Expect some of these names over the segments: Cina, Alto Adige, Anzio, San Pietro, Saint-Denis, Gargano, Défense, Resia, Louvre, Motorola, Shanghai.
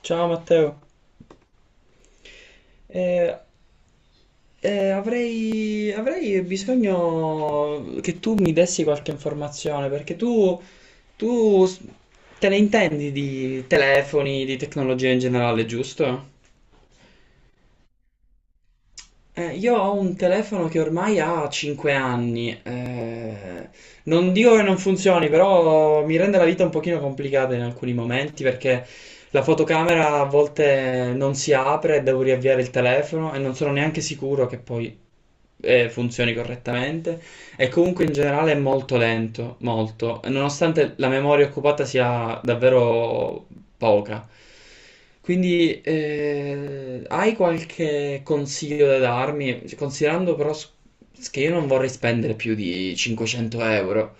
Ciao Matteo. Eh, avrei bisogno che tu mi dessi qualche informazione perché tu s- te ne intendi di telefoni, di tecnologia in generale, giusto? Io ho un telefono che ormai ha 5 anni. Non dico che non funzioni, però mi rende la vita un pochino complicata in alcuni momenti perché la fotocamera a volte non si apre, e devo riavviare il telefono e non sono neanche sicuro che poi funzioni correttamente e comunque in generale è molto lento, molto, nonostante la memoria occupata sia davvero poca. Quindi hai qualche consiglio da darmi, considerando che io non vorrei spendere più di 500 euro?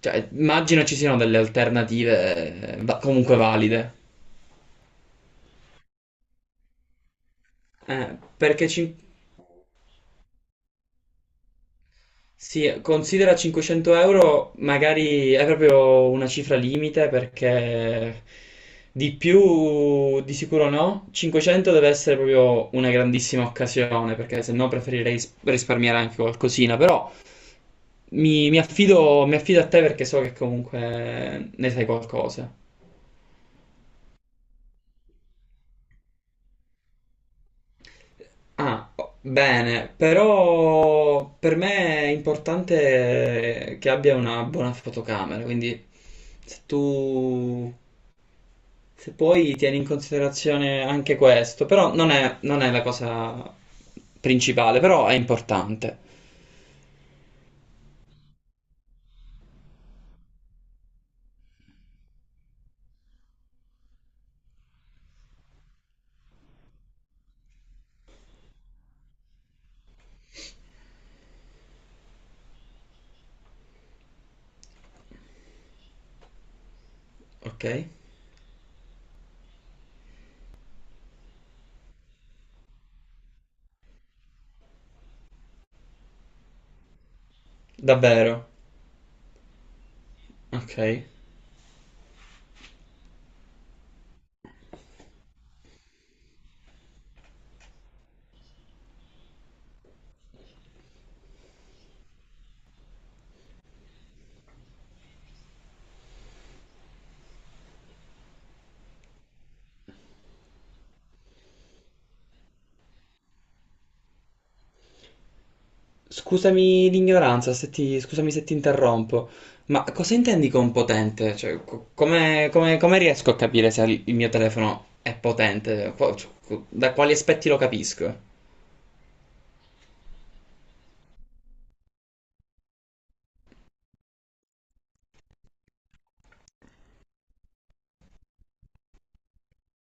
Cioè, immagino ci siano delle alternative comunque valide. Perché sì, considera 500 euro, magari è proprio una cifra limite perché di più di sicuro no. 500 deve essere proprio una grandissima occasione perché se no preferirei risparmiare anche qualcosina, però mi affido a te perché so che comunque ne sai qualcosa. Ah, oh, bene, però per me è importante che abbia una buona fotocamera, quindi se tu... Se poi tieni in considerazione anche questo, però non è la cosa principale, però è importante. Ok? Davvero. Ok. Scusami l'ignoranza, se ti, scusami se ti interrompo, ma cosa intendi con potente? Cioè, come riesco a capire se il mio telefono è potente? Da quali aspetti lo capisco?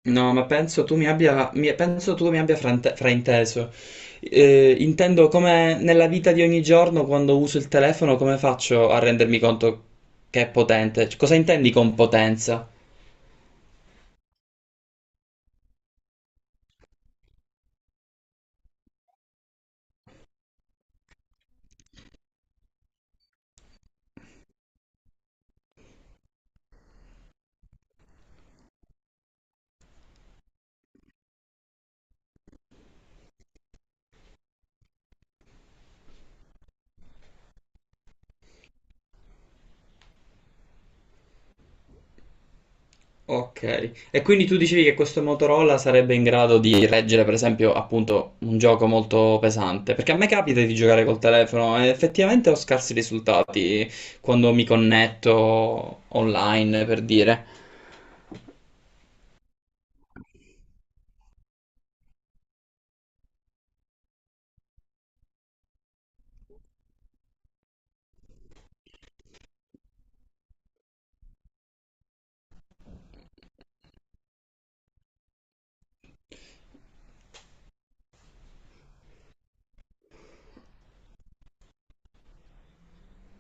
No, ma penso tu mi abbia frainteso. Intendo come nella vita di ogni giorno, quando uso il telefono, come faccio a rendermi conto che è potente? Cioè, cosa intendi con potenza? Ok, e quindi tu dicevi che questo Motorola sarebbe in grado di reggere, per esempio, appunto, un gioco molto pesante, perché a me capita di giocare col telefono e effettivamente ho scarsi risultati quando mi connetto online, per dire.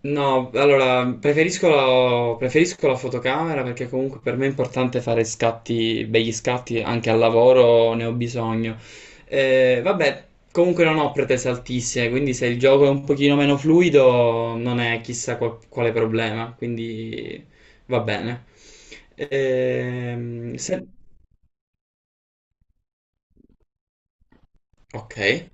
No, allora preferisco la fotocamera perché comunque per me è importante fare scatti, begli scatti anche al lavoro, ne ho bisogno. Vabbè, comunque non ho pretese altissime, quindi se il gioco è un pochino meno fluido non è chissà quale problema, quindi va bene. Ehm, se- Ok.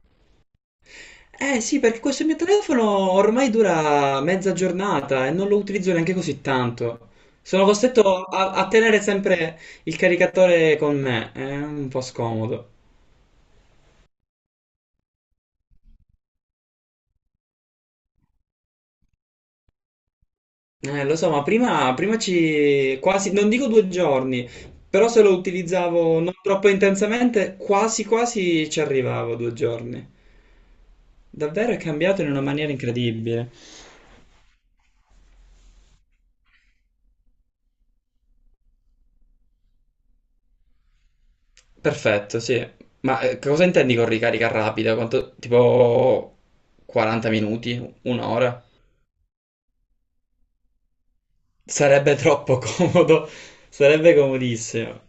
Eh sì, perché questo mio telefono ormai dura mezza giornata e non lo utilizzo neanche così tanto. Sono costretto a tenere sempre il caricatore con me, è un po' scomodo. Lo so, ma prima ci... quasi, non dico 2 giorni, però se lo utilizzavo non troppo intensamente, quasi quasi ci arrivavo 2 giorni. Davvero è cambiato in una maniera incredibile. Perfetto, sì. Ma cosa intendi con ricarica rapida? Quanto, tipo 40 minuti, un'ora? Sarebbe troppo comodo, sarebbe comodissimo.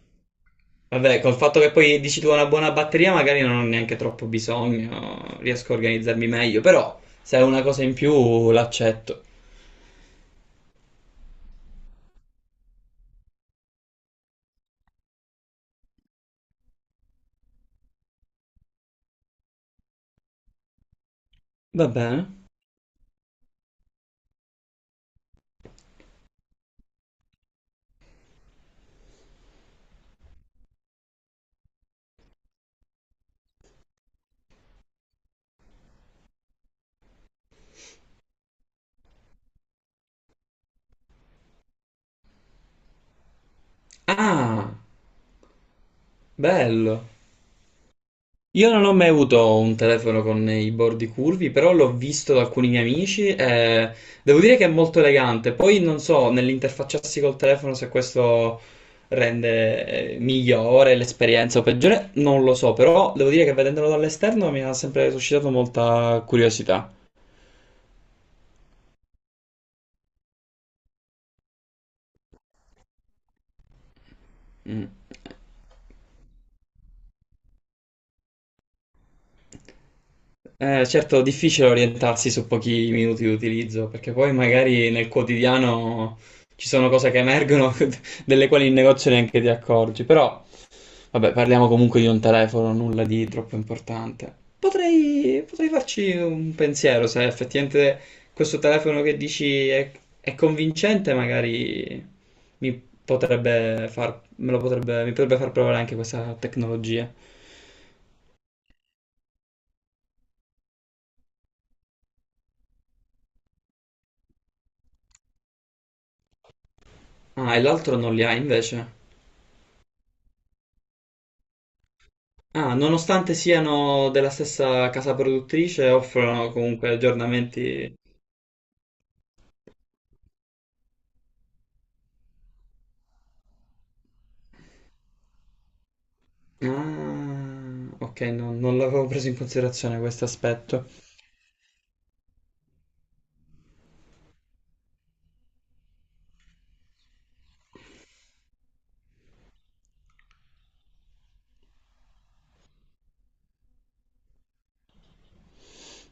Vabbè, col fatto che poi dici tu una buona batteria, magari non ho neanche troppo bisogno, riesco a organizzarmi meglio, però se è una cosa in più l'accetto. Va bene. Ah, bello. Io non ho mai avuto un telefono con i bordi curvi, però l'ho visto da alcuni miei amici e devo dire che è molto elegante. Poi non so, nell'interfacciarsi col telefono se questo rende migliore l'esperienza o peggiore, non lo so, però devo dire che vedendolo dall'esterno mi ha sempre suscitato molta curiosità. Mm. Certo, difficile orientarsi su pochi minuti di utilizzo, perché poi magari nel quotidiano ci sono cose che emergono delle quali in negozio neanche ti accorgi, però... Vabbè, parliamo comunque di un telefono, nulla di troppo importante. Potrei farci un pensiero se effettivamente questo telefono che dici è convincente, magari mi mi potrebbe far provare anche questa tecnologia. Ah, e l'altro non li ha invece. Ah, nonostante siano della stessa casa produttrice, offrono comunque aggiornamenti. Ah, ok, non l'avevo preso in considerazione questo aspetto.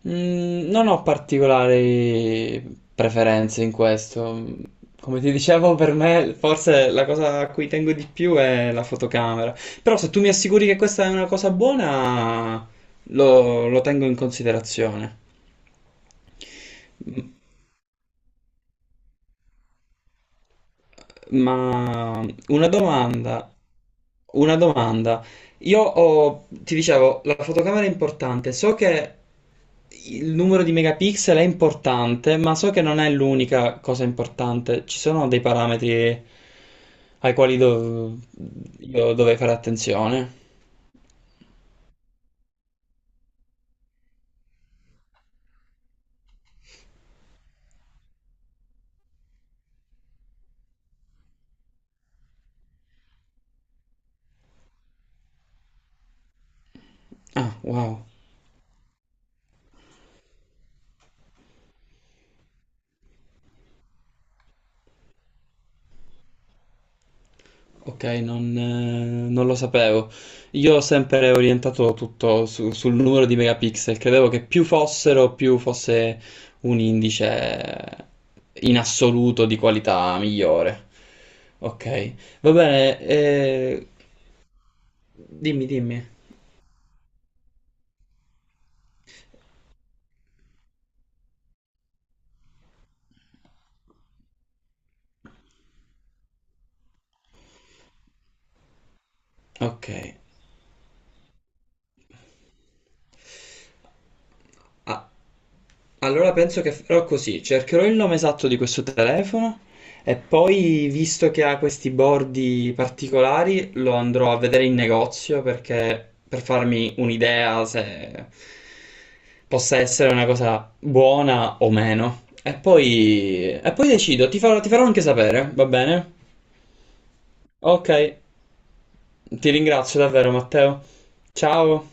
Mm, non ho particolari preferenze in questo. Come ti dicevo, per me forse la cosa a cui tengo di più è la fotocamera. Però se tu mi assicuri che questa è una cosa buona, lo tengo in considerazione. Ma una domanda, una domanda. Io ho, ti dicevo, la fotocamera è importante. So che il numero di megapixel è importante, ma so che non è l'unica cosa importante. Ci sono dei parametri ai quali io dovrei fare attenzione. Ah, wow. Ok, non lo sapevo. Io ho sempre orientato tutto sul numero di megapixel, credevo che più fossero, più fosse un indice in assoluto di qualità migliore. Ok, va bene, dimmi, dimmi. Ok. Ah, allora penso che farò così, cercherò il nome esatto di questo telefono e poi, visto che ha questi bordi particolari, lo andrò a vedere in negozio perché per farmi un'idea se possa essere una cosa buona o meno. E poi decido, ti farò anche sapere, va bene? Ok, ti ringrazio davvero, Matteo. Ciao.